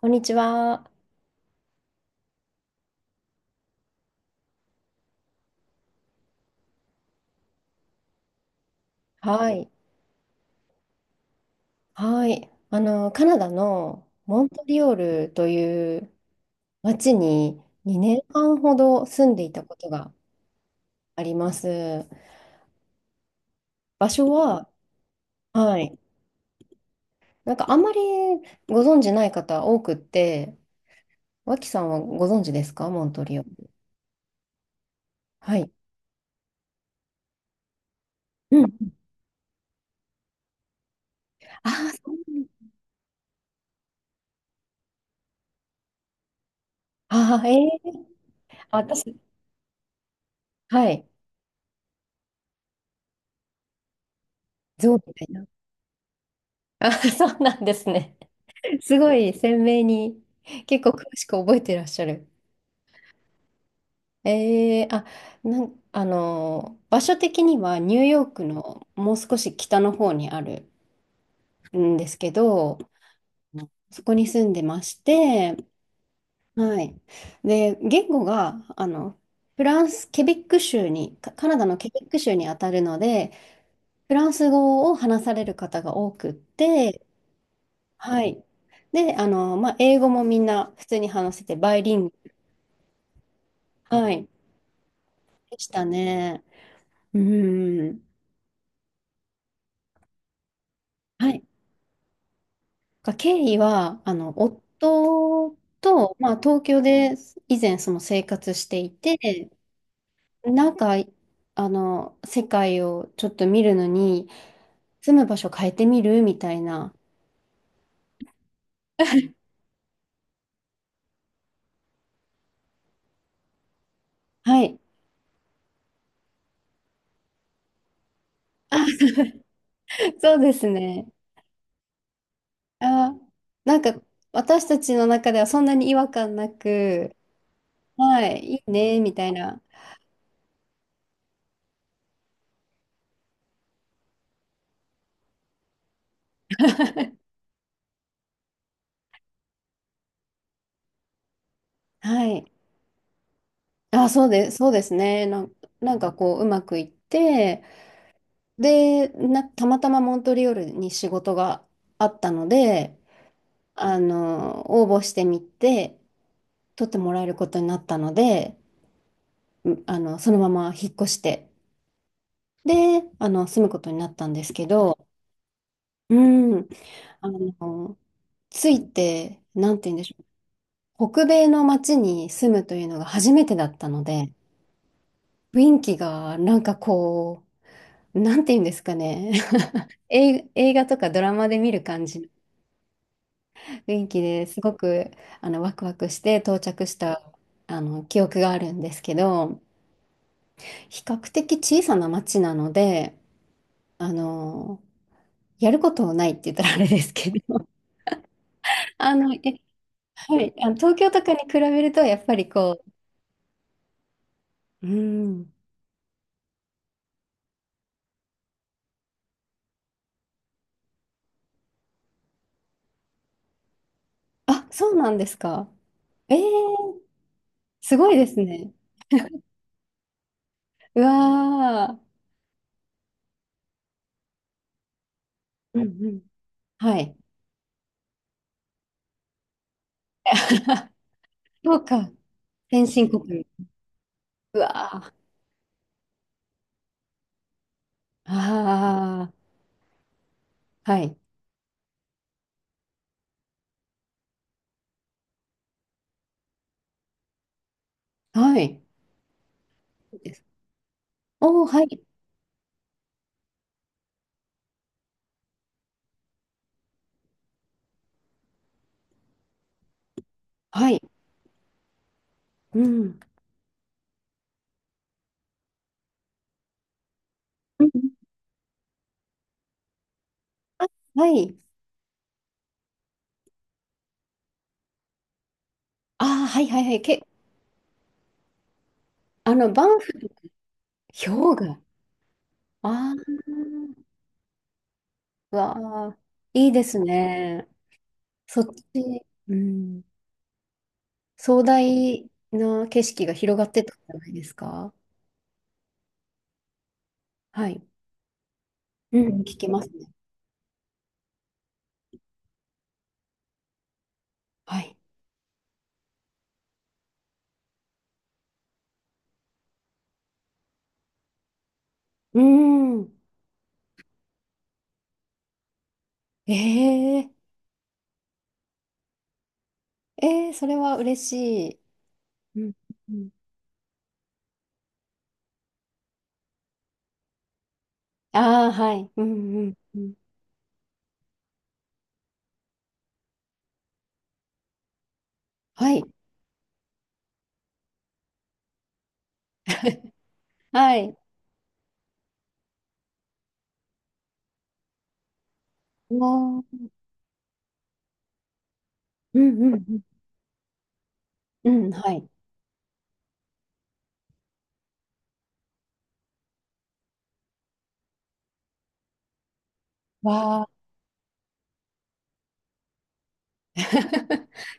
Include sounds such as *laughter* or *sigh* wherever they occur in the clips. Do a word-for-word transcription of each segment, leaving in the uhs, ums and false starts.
こんにちは。はい。はい。あの、カナダのモントリオールという町ににねんはんほど住んでいたことがあります。場所は、はい。なんかあんまりご存知ない方多くって、脇さんはご存知ですかモントリオール？はい。うん。ああ、そうなんだ。ああ、ええ、私、はい。ゾウみたいな。あー、そうなんですね。すごい鮮明に、結構詳しく覚えてらっしゃる。えー、あ、なん、あのー、場所的にはニューヨークのもう少し北の方にあるんですけど、うん、そこに住んでまして、はい。で、言語が、あの、フランス、ケベック州に、カカナダのケベック州にあたるので、フランス語を話される方が多くって、はい。で、あの、まあ、英語もみんな普通に話せて、バイリングル、はい。でしたね。うん。はい。が経緯は、あの、夫と、まあ、東京で以前その生活していて、なんか、あの、世界をちょっと見るのに、住む場所変えてみるみたいな。はい。あ、そうですね。あ、なんか、私たちの中ではそんなに違和感なく、はい、いいね、みたいな。はい。あ、そうです、そうですね。なん、なんかこう、うまくいって、で、な、たまたまモントリオールに仕事があったので、あの、応募してみて、取ってもらえることになったので、うあの、そのまま引っ越して、で、あの、住むことになったんですけど、うん、あの、ついて、なんて言うんでしょう、北米の街に住むというのが初めてだったので、雰囲気がなんかこう、なんて言うんですかね、*laughs* 映映画とかドラマで見る感じの雰囲気ですごくあのワクワクして到着したあの記憶があるんですけど、比較的小さな町なので、あのやることないって言ったらあれですけど、*laughs* あの、え、はい、あの東京とかに比べるとやっぱりこう、うん、あ、そうなんですか？えー、すごいですね。うわー。うんうん。はい。*laughs* そうか。先進国。うわー。ああ、はい。はい。おー、はい。はい。うん。うん、あ、はい。あー、はいはいはい。け、あの、バンフ、氷河。ああ、わあ、いいですね。そっち、うん。壮大な景色が広がってたんじゃないですか？はい。うん、聞きますね。はい。うん。ええ、ええ、それは嬉しい。うん。うん、あー、はい。うん、うん、うん。はい。*laughs* はい。もう、うん、うん、うん。うん、はい。わあ。*laughs*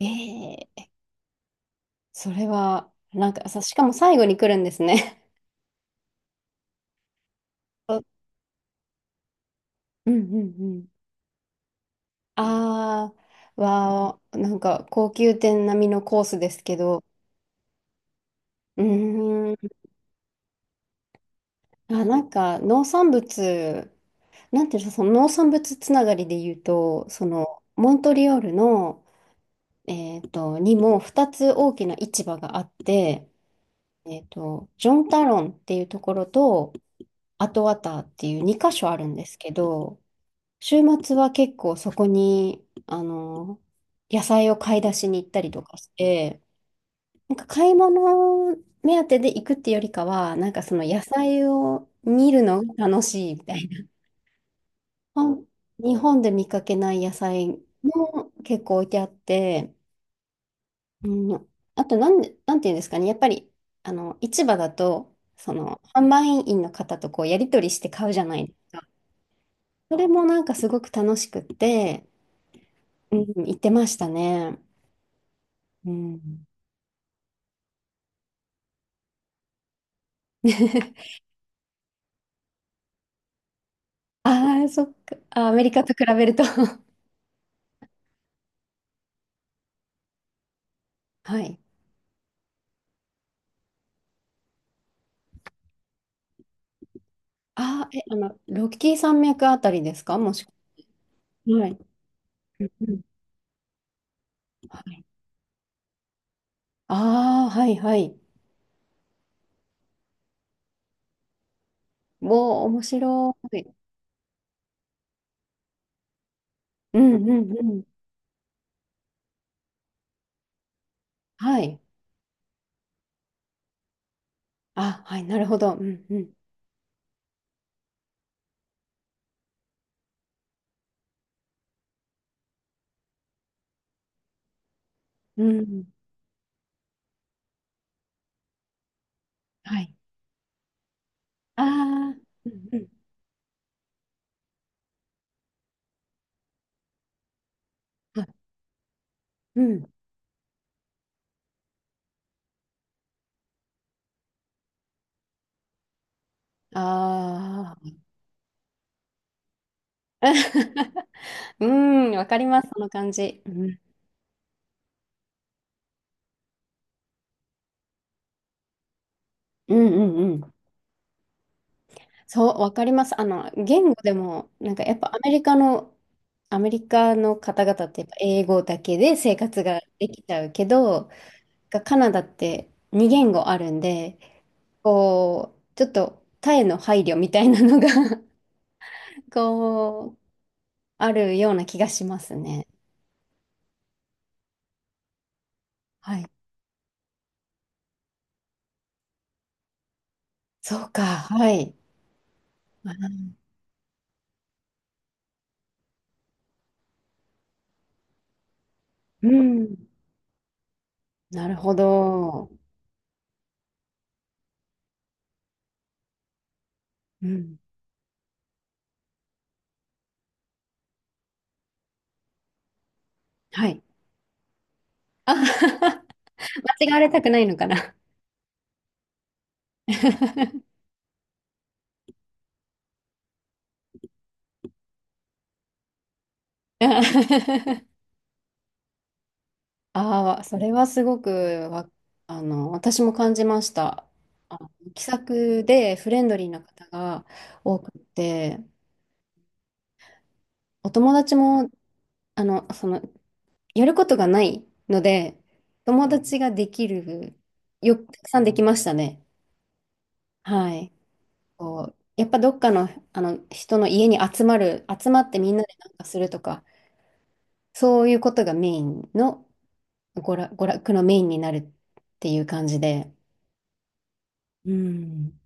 ええ、それは、なんかさ、しかも最後に来るんですね。*laughs* そう、うんうんうん。ああ、わあ、なんか高級店並みのコースですけど、うーん、あ、なんか農産物、なんていうの、その農産物つながりで言うと、その、モントリオールの、えーと、にもふたつ大きな市場があって、えーと、ジョンタロンっていうところと、アトワターっていうに箇所あるんですけど、週末は結構そこに、あの、野菜を買い出しに行ったりとかして、なんか買い物目当てで行くってよりかは、なんかその野菜を見るのが楽しいみたいな。*laughs* ほん日本で見かけない野菜も結構置いてあって、うん、あとなん、なんていうんですかね、やっぱり、あの、市場だと、その、販売員の方とこう、やり取りして買うじゃないですか。それもなんかすごく楽しくって、うん、行ってましたね。うん。*laughs* ああ、そっか。あ、アメリカと比べると、 *laughs* はい。ああ、え、あの、ロッキー山脈あたりですか、もしくは。はい。うんうん。はい。ああ、はいはい。おお、面白い。うんうんうん。はい。あ、はい、なるほど。うんうん。うん。はい。ああ、うんうん。あ、うん。ああ。*laughs* うん、わかります、その感じ。うん、うん、うんうん。そう、わかります。あの、言語でも、なんかやっぱアメリカの、アメリカの方々ってやっぱ英語だけで生活ができちゃうけど、がカナダって二言語あるんで、こう、ちょっと他への配慮みたいなのが、 *laughs* こう、あるような気がしますね。はい。そうか、はい。あ、うん。なるほど。うん。はい。あ、 *laughs* 間違われたくないのかな。*laughs* ああ、それはすごく、わ、あの、私も感じました。あの気さくでフレンドリーな方が多くて、お友達も、あの、その、やることがないので、友達ができる、よ、たくさんできましたね。はい。こう、やっぱどっかの、あの人の家に集まる、集まってみんなでなんかするとか、そういうことがメインの、娯楽、娯楽のメインになるっていう感じで。うん